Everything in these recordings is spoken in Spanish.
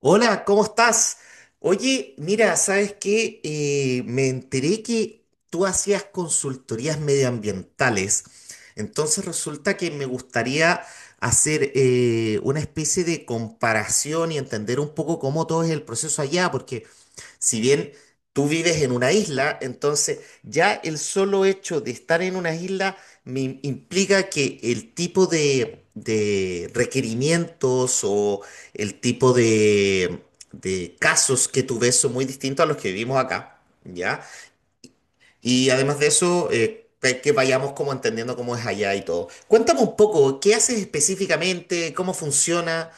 Hola, ¿cómo estás? Oye, mira, ¿sabes qué? Me enteré que tú hacías consultorías medioambientales, entonces resulta que me gustaría hacer una especie de comparación y entender un poco cómo todo es el proceso allá, porque si bien tú vives en una isla, entonces ya el solo hecho de estar en una isla me implica que el tipo de requerimientos o el tipo de casos que tú ves son muy distintos a los que vivimos acá, ¿ya? Y además de eso, que vayamos como entendiendo cómo es allá y todo. Cuéntame un poco, ¿qué haces específicamente? ¿Cómo funciona?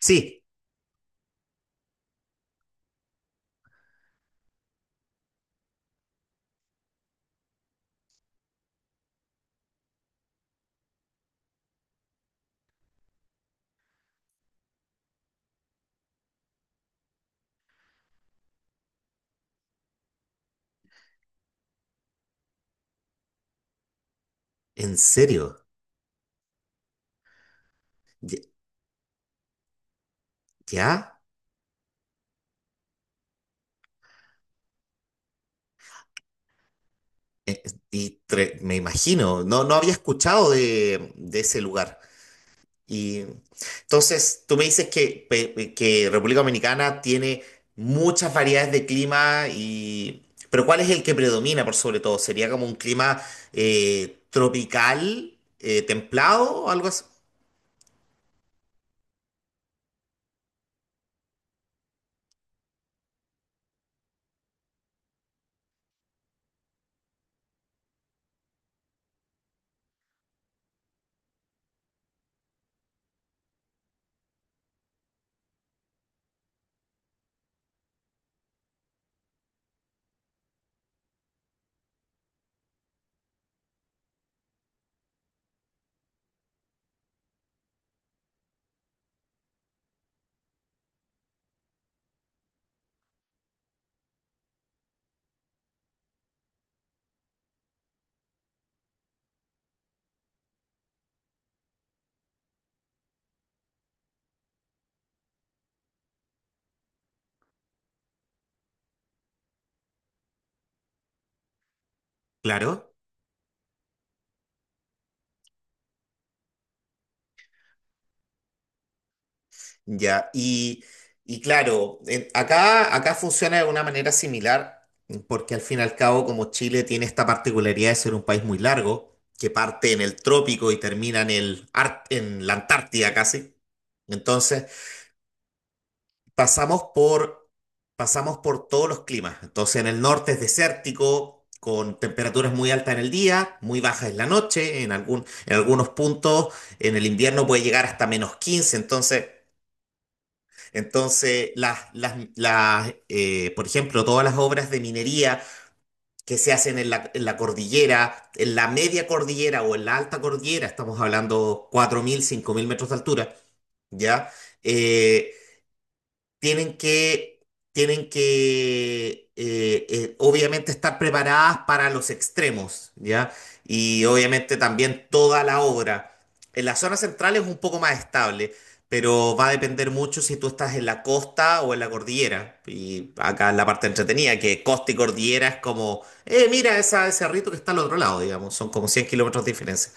Sí, ¿en serio? ¿Ya? Eh, me imagino, no, no había escuchado de ese lugar. Y entonces, tú me dices que República Dominicana tiene muchas variedades de clima. Y... Pero ¿cuál es el que predomina por sobre todo? ¿Sería como un clima tropical, templado o algo así? Claro. Ya, y claro, acá funciona de una manera similar, porque al fin y al cabo, como Chile tiene esta particularidad de ser un país muy largo, que parte en el trópico y termina en la Antártida casi, entonces pasamos por, pasamos por todos los climas. Entonces en el norte es desértico, con temperaturas muy altas en el día, muy bajas en la noche, en algunos puntos en el invierno puede llegar hasta -15. Entonces, Entonces, por ejemplo, todas las obras de minería que se hacen en la cordillera, en la media cordillera o en la alta cordillera, estamos hablando 4.000 5.000 metros de altura, ¿ya? Eh, tienen que, tienen que obviamente estar preparadas para los extremos, ¿ya? Y obviamente también toda la obra. En la zona central es un poco más estable, pero va a depender mucho si tú estás en la costa o en la cordillera. Y acá es la parte entretenida, que costa y cordillera es como, mira esa, ese rito que está al otro lado, digamos, son como 100 km de diferencia.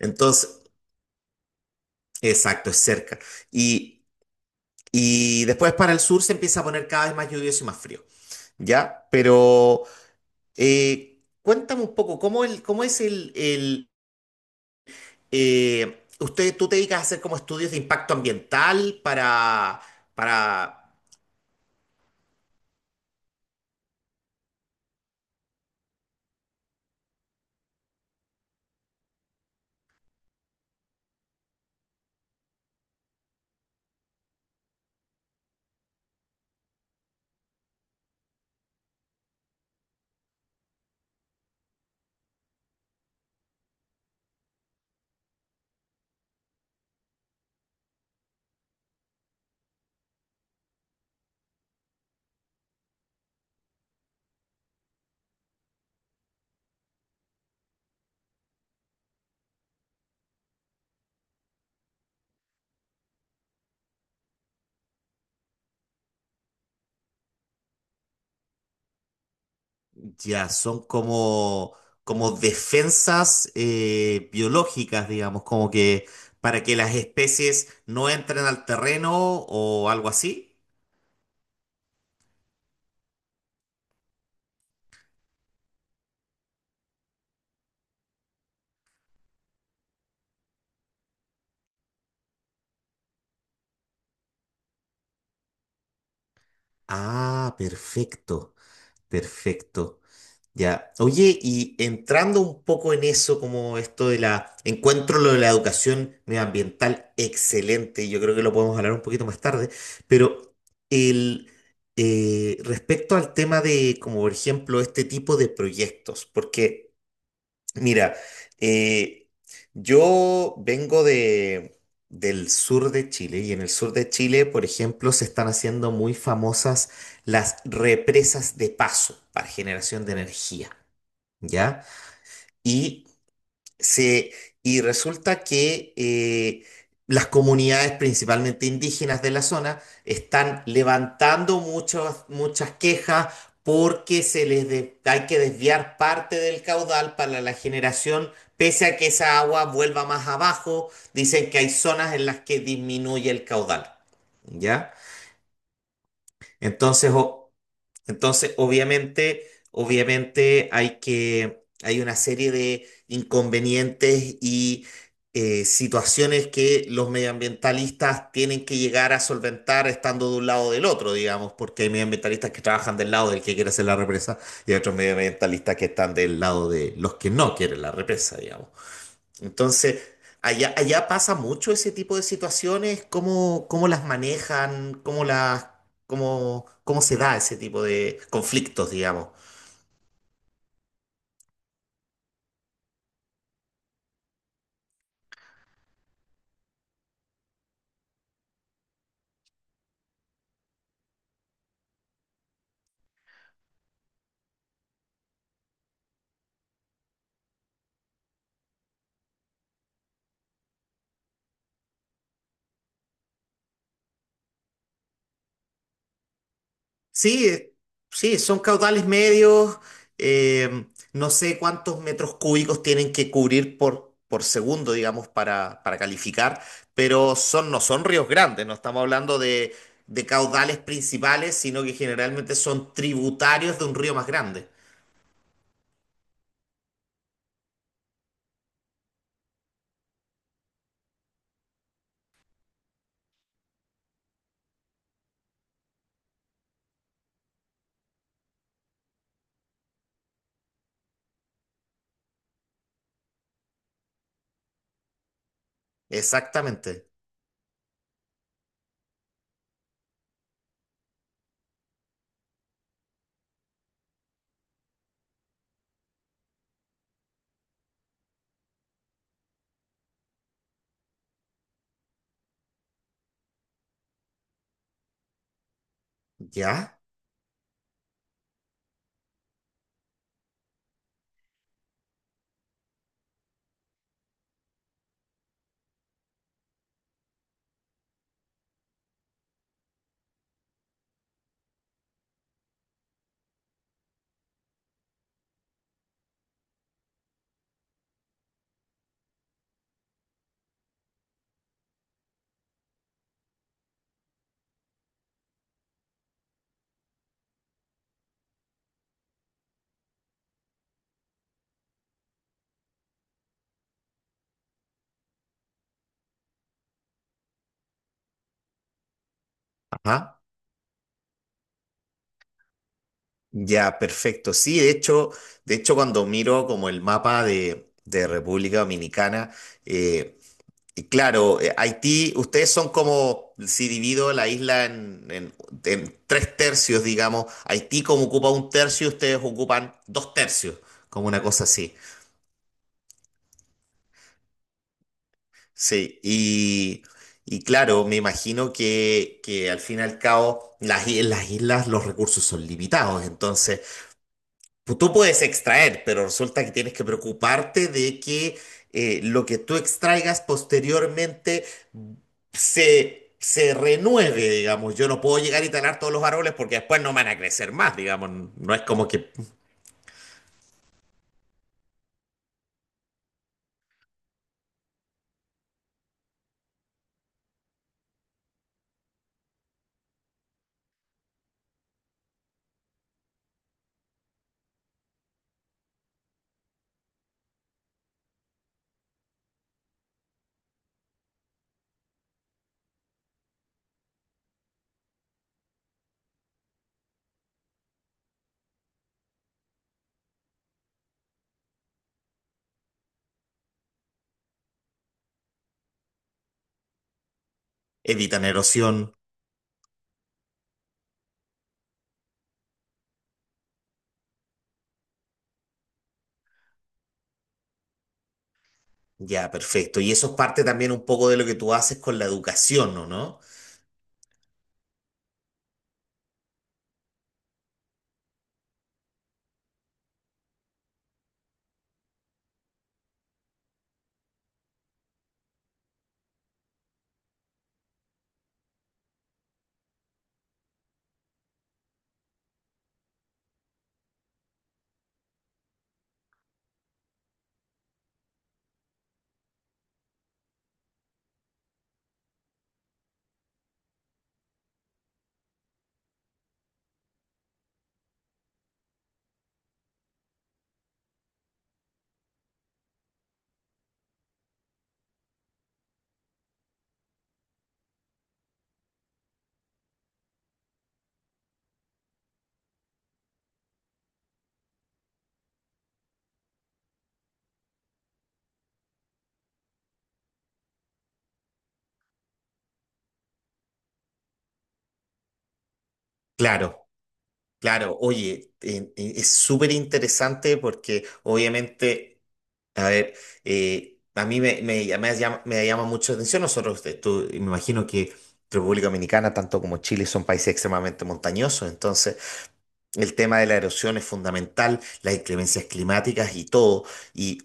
Entonces, exacto, es cerca. Y, y después para el sur se empieza a poner cada vez más lluvioso y más frío. Ya, pero cuéntame un poco, ¿cómo, el, cómo es el usted, ¿tú te dedicas a hacer como estudios de impacto ambiental? Para... para ya, son como, como defensas biológicas, digamos, como que para que las especies no entren al terreno o algo así. Ah, perfecto, perfecto. Ya. Oye, y entrando un poco en eso, como esto de la, encuentro lo de la educación medioambiental excelente, yo creo que lo podemos hablar un poquito más tarde, pero el, respecto al tema de, como por ejemplo, este tipo de proyectos, porque, mira, eh, yo vengo del sur de Chile, y en el sur de Chile, por ejemplo, se están haciendo muy famosas las represas de paso para generación de energía. ¿Ya? Y se, y resulta que las comunidades, principalmente indígenas de la zona, están levantando muchas quejas porque hay que desviar parte del caudal para la generación, pese a que esa agua vuelva más abajo, dicen que hay zonas en las que disminuye el caudal, ¿ya? Entonces, obviamente, hay que, hay una serie de inconvenientes y situaciones que los medioambientalistas tienen que llegar a solventar estando de un lado o del otro, digamos, porque hay medioambientalistas que trabajan del lado del que quiere hacer la represa, y hay otros medioambientalistas que están del lado de los que no quieren la represa, digamos. Entonces, allá, allá pasa mucho ese tipo de situaciones. ¿Cómo las manejan? ¿Cómo se da ese tipo de conflictos, digamos? Sí, sí, son caudales medios, eh, no sé cuántos metros cúbicos tienen que cubrir por segundo, digamos, para calificar, pero son, no son ríos grandes, no estamos hablando de caudales principales, sino que generalmente son tributarios de un río más grande. Exactamente. ¿Ya? Ah, ya, perfecto. Sí, de hecho, cuando miro como el mapa de República Dominicana, eh, y claro, Haití, ustedes son como, si divido la isla en tres tercios, digamos, Haití como ocupa un tercio, ustedes ocupan dos tercios, como una cosa así. Sí, y claro, me imagino que al fin y al cabo las islas, los recursos son limitados, entonces... Pues tú puedes extraer, pero resulta que tienes que preocuparte de que lo que tú extraigas posteriormente se renueve, digamos. Yo no puedo llegar y talar todos los árboles porque después no van a crecer más, digamos. No es como que evitan erosión. Ya, perfecto. Y eso es parte también un poco de lo que tú haces con la educación, ¿no? ¿No? Claro, claro. Oye, es súper interesante porque obviamente... A ver, a mí me llama mucho la atención. Nosotros, me imagino que República Dominicana, tanto como Chile, son países extremadamente montañosos. Entonces, el tema de la erosión es fundamental, las inclemencias climáticas y todo. Y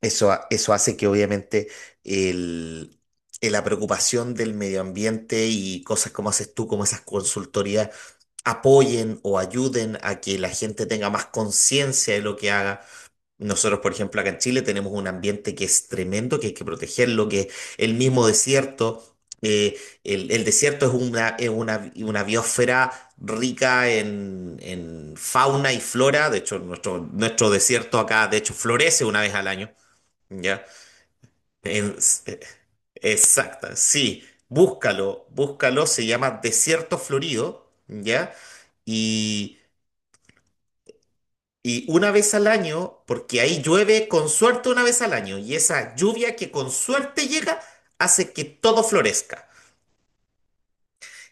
eso, eso hace que obviamente el, la preocupación del medio ambiente y cosas como haces tú, como esas consultorías, apoyen o ayuden a que la gente tenga más conciencia de lo que haga. Nosotros, por ejemplo, acá en Chile tenemos un ambiente que es tremendo, que hay que protegerlo, que el mismo desierto, el desierto una biosfera rica en fauna y flora. De hecho, nuestro desierto acá, de hecho, florece una vez al año, ¿ya? En- eh, Exacta, sí, búscalo, búscalo, se llama Desierto Florido, ¿ya? Y una vez al año, porque ahí llueve con suerte una vez al año, y esa lluvia que con suerte llega hace que todo florezca.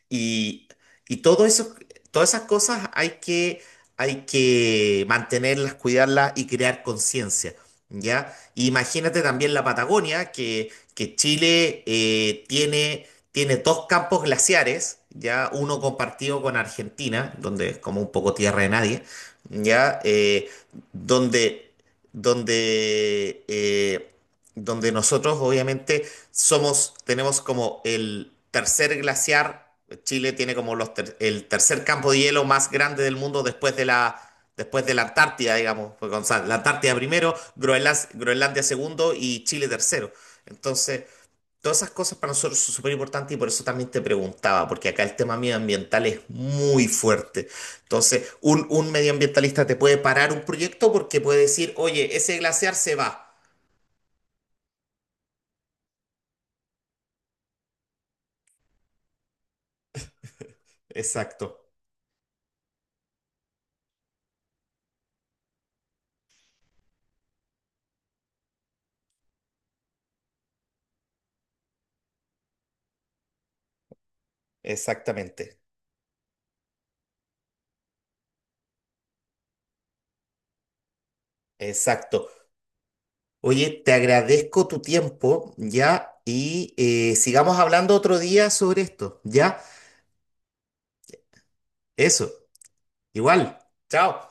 Y y todo eso, todas esas cosas hay que mantenerlas, cuidarlas y crear conciencia, ¿ya? Imagínate también la Patagonia, que Chile tiene dos campos glaciares, ¿ya? Uno compartido con Argentina, donde es como un poco tierra de nadie, ¿ya? Donde, donde, eh, donde nosotros obviamente tenemos como el tercer glaciar. Chile tiene como el tercer campo de hielo más grande del mundo después de la Antártida, digamos. Porque, o sea, la Antártida primero, Groenlandia, segundo, y Chile tercero. Entonces, todas esas cosas para nosotros son súper importantes y por eso también te preguntaba, porque acá el tema medioambiental es muy fuerte. Entonces, un medioambientalista te puede parar un proyecto porque puede decir, oye, ese glaciar se va. Exacto, exactamente. Exacto. Oye, te agradezco tu tiempo, ¿ya? Sigamos hablando otro día sobre esto, ¿ya? Eso, igual. Chao.